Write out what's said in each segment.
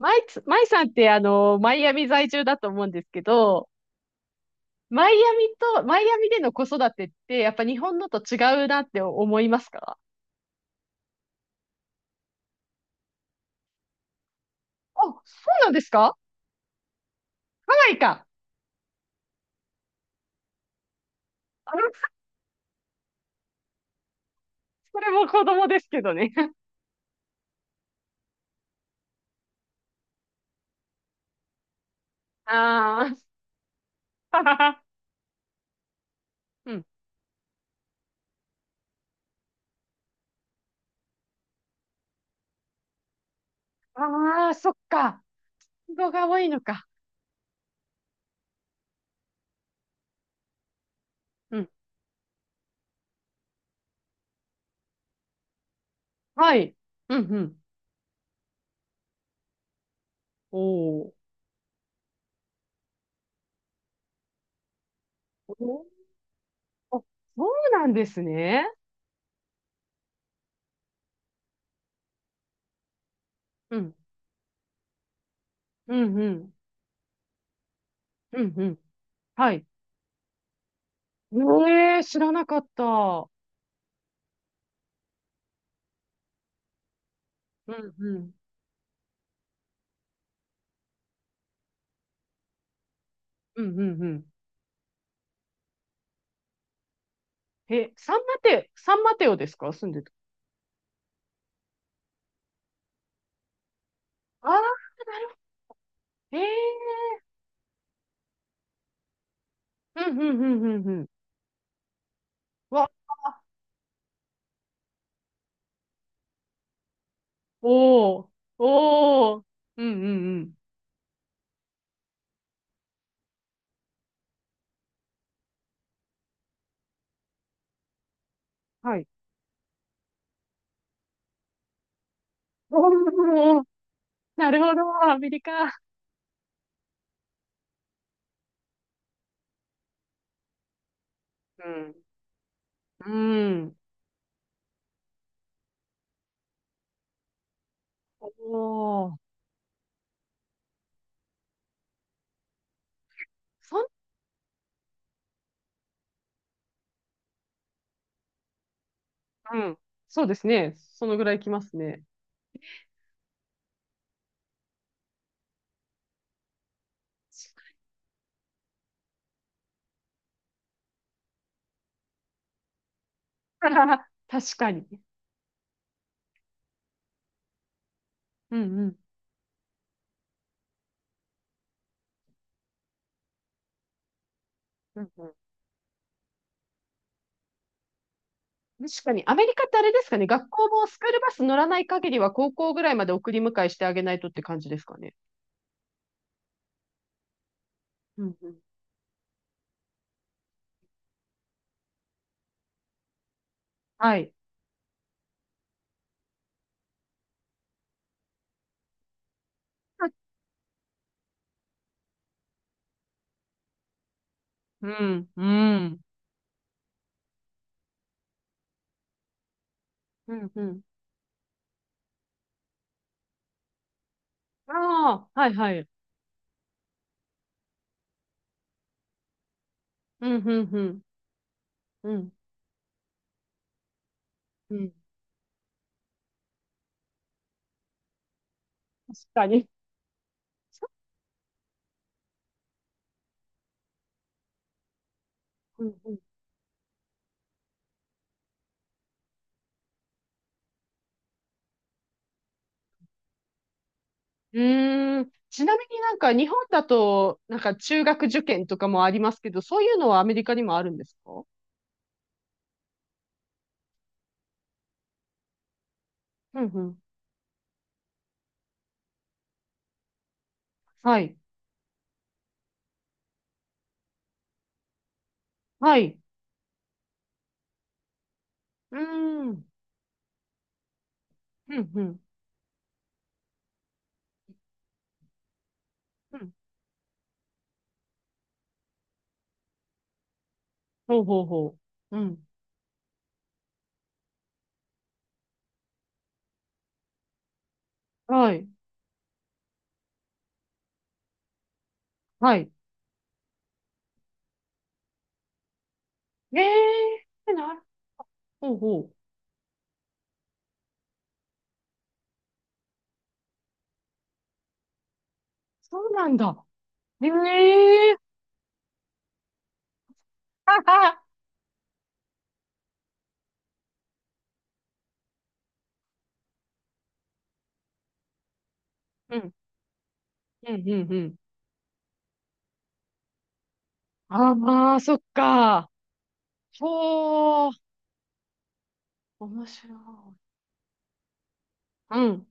マイさんってマイアミ在住だと思うんですけど、マイアミでの子育てって、やっぱ日本のと違うなって思いますか？あ、そうなんですか？ハワイか。あの、それも子供ですけどね。ああ、うん。ああ、そっか。子が多いのか。うん。はい。うん、うん。おーお。あ、そうなんですね。うん。うん、うん。うん、うん。はい。ええ、知らなかった。うん、うん。うんうんうん。え、サンマテオですか住んでる？ああー、なるほど。ええうんうんうんうんうん。わ、おー、おー、うんうんうん。はい。おー、なるほど、アメリカ。うん。うん。おー、そん、うん。そうですね。そのぐらい来ますね。確かに。うんうん。うんうん。確かに、アメリカってあれですかね、学校もスクールバス乗らない限りは高校ぐらいまで送り迎えしてあげないとって感じですかね。うんうん。はい。うん、うん。うん、うん。ああ、はい、はい。うん、うん、うん。うん、うん。確かに。うん、うん。うーん。ちなみになんか日本だと、なんか中学受験とかもありますけど、そういうのはアメリカにもあるんですか？うん、うん。はい。はい。うーん。うん、うん。うん。ほうほうほう。うん。はい。はい。ええ、なるほど。そうなんだ。ええはは。うん、うん、うん、うん。あ、まあ、そっか。ほう。面白い。うん、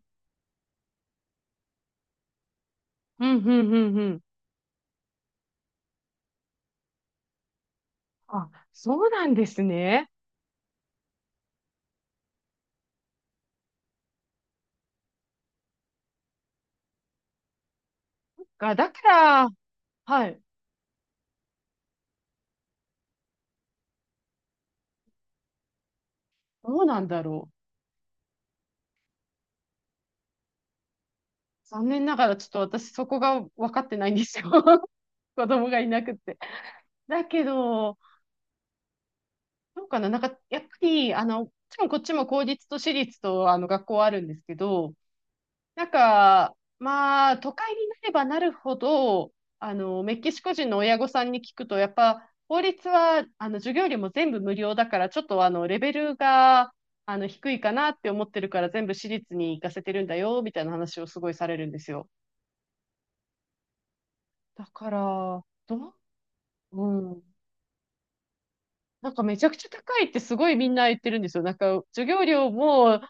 うん、うん、うん、うん。あ、そうなんですね。が、だから、はい。どうなんだろう。残念ながら、ちょっと私そこが分かってないんですよ。子供がいなくって。だけど、どうかな、なんか、やっぱり、もちろんこっちも公立と私立と、学校あるんですけど、なんか、まあ、都会になればなるほど、メキシコ人の親御さんに聞くと、やっぱ、公立は、授業料も全部無料だから、ちょっと、レベルが、低いかなって思ってるから、全部私立に行かせてるんだよ、みたいな話をすごいされるんですよ。だから、うん。なんかめちゃくちゃ高いってすごいみんな言ってるんですよ。なんか授業料も、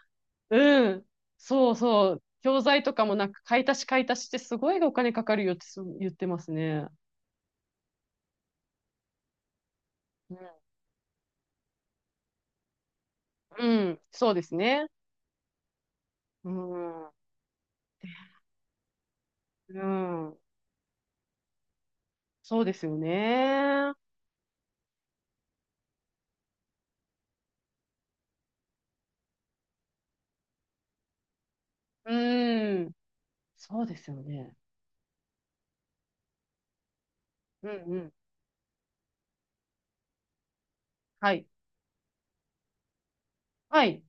うん。そうそう。教材とかもなんか買い足し買い足しってすごいお金かかるよって言ってますね。うん。うん。そうですね。うん。うん。そうですよね。うん。そうですよね。うんうん。はい。はい。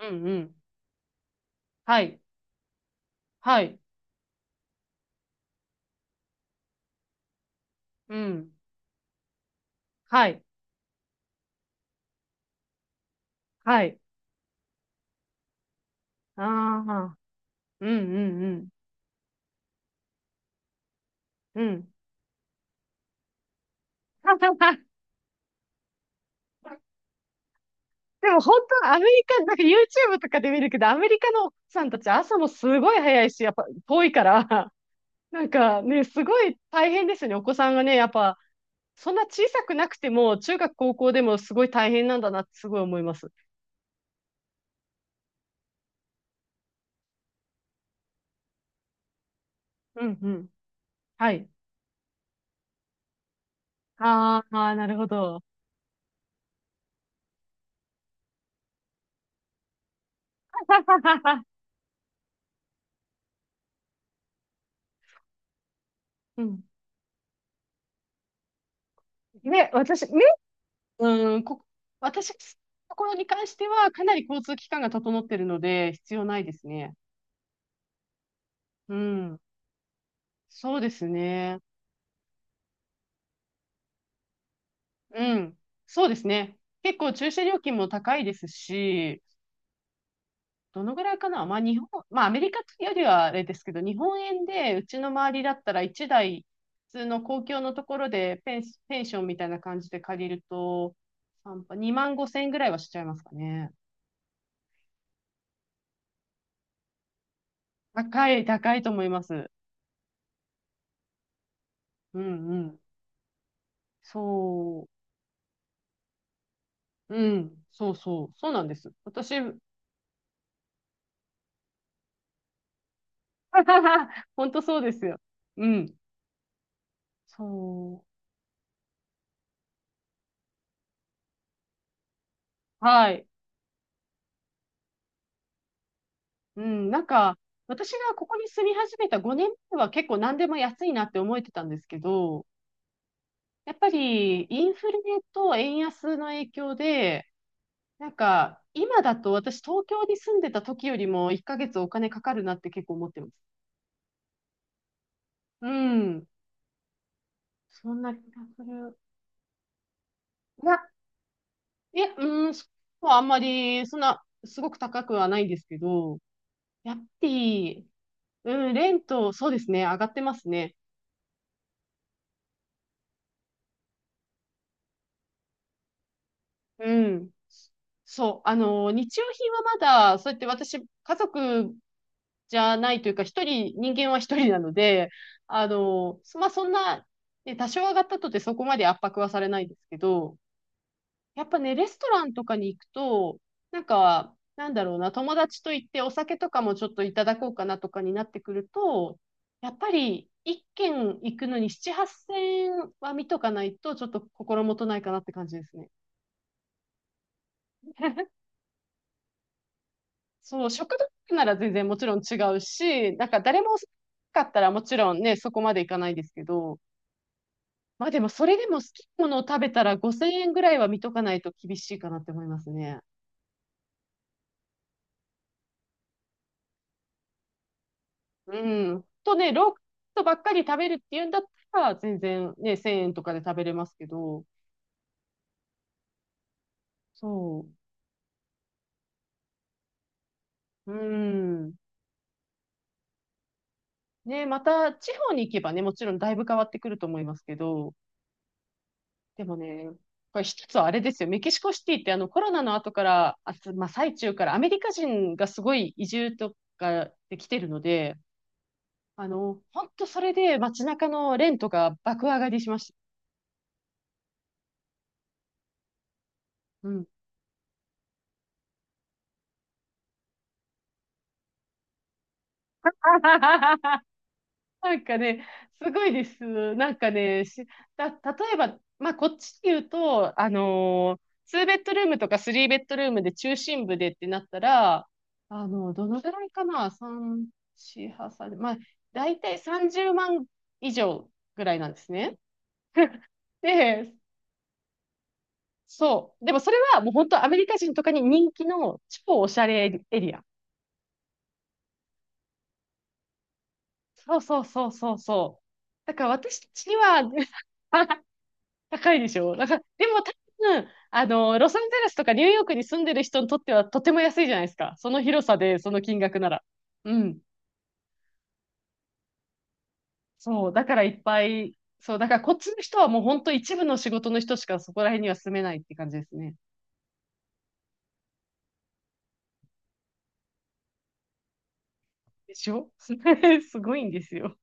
うんうん。はい。はい。うん。はい。はい。ああ。うんうんうん。うん。でも本当のアメリカ、なんか YouTube とかで見るけど、アメリカの奥さんたち朝もすごい早いし、やっぱ遠いから、なんかね、すごい大変ですよね。お子さんがね、やっぱ、そんな小さくなくても、中学、高校でもすごい大変なんだなってすごい思います。うんうん。はい。あーあ、なるほど。うん。で、うん、私、ところに関しては、かなり交通機関が整っているので、必要ないですね。うん。そうですね。うん。そうですね。結構駐車料金も高いですし、どのぐらいかな。まあ日本、まあアメリカよりはあれですけど、日本円でうちの周りだったら1台、普通の公共のところでペンションみたいな感じで借りると、2万5千円ぐらいはしちゃいますかね。高い、高いと思います。うんうん。そう、うん、そうそう、そうなんです。私、本当そうですよ。うん、そう。はい。うん、なんか、私がここに住み始めた5年目は結構何でも安いなって思えてたんですけど、やっぱりインフレと円安の影響で、なんか今だと私東京に住んでた時よりも1ヶ月お金かかるなって結構思ってます。うん。そんな気がする。いや、いや、うん、そこはあんまり、そんな、すごく高くはないんですけど、やっぱり、うん、レント、そうですね、上がってますね。うん。そう。日用品はまだ、そうやって私、家族じゃないというか、人間は一人なので、まあ、そんな、ね、多少上がったとてそこまで圧迫はされないですけど、やっぱね、レストランとかに行くと、なんか、なんだろうな、友達と行ってお酒とかもちょっといただこうかなとかになってくると、やっぱり、一軒行くのに7、8000は見とかないと、ちょっと心もとないかなって感じですね。そう、食堂なら全然もちろん違うし、なんか誰も好きかったらもちろんね、そこまでいかないですけど、まあでもそれでも好きなものを食べたら5000円ぐらいは見とかないと厳しいかなって思いますね。うん。とね、ローカルばっかり食べるっていうんだったら全然ね、1000円とかで食べれますけど、そう。うん。ね、また地方に行けばね、もちろんだいぶ変わってくると思いますけど、でもね、これ一つはあれですよ。メキシコシティってあのコロナの後から、まあ、最中からアメリカ人がすごい移住とかできてるので、本当それで街中のレントが爆上がりしました。うん。なんかね、すごいです。なんかね、例えば、まあ、こっちで言うと、2ベッドルームとか3ベッドルームで中心部でってなったら、どのぐらいかな？ 3、4、8、3、まあ、だいたい30万以上ぐらいなんですね。で、そう。でもそれはもう本当アメリカ人とかに人気の超おしゃれエリア。そうそうそうそうそう。だから私たちには、高いでしょなんから、でも多分、ロサンゼルスとかニューヨークに住んでる人にとってはとても安いじゃないですか。その広さで、その金額なら。うん。そう、だからいっぱい、そう、だからこっちの人はもう本当一部の仕事の人しかそこら辺には住めないって感じですね。でしょ？ すごいんですよ。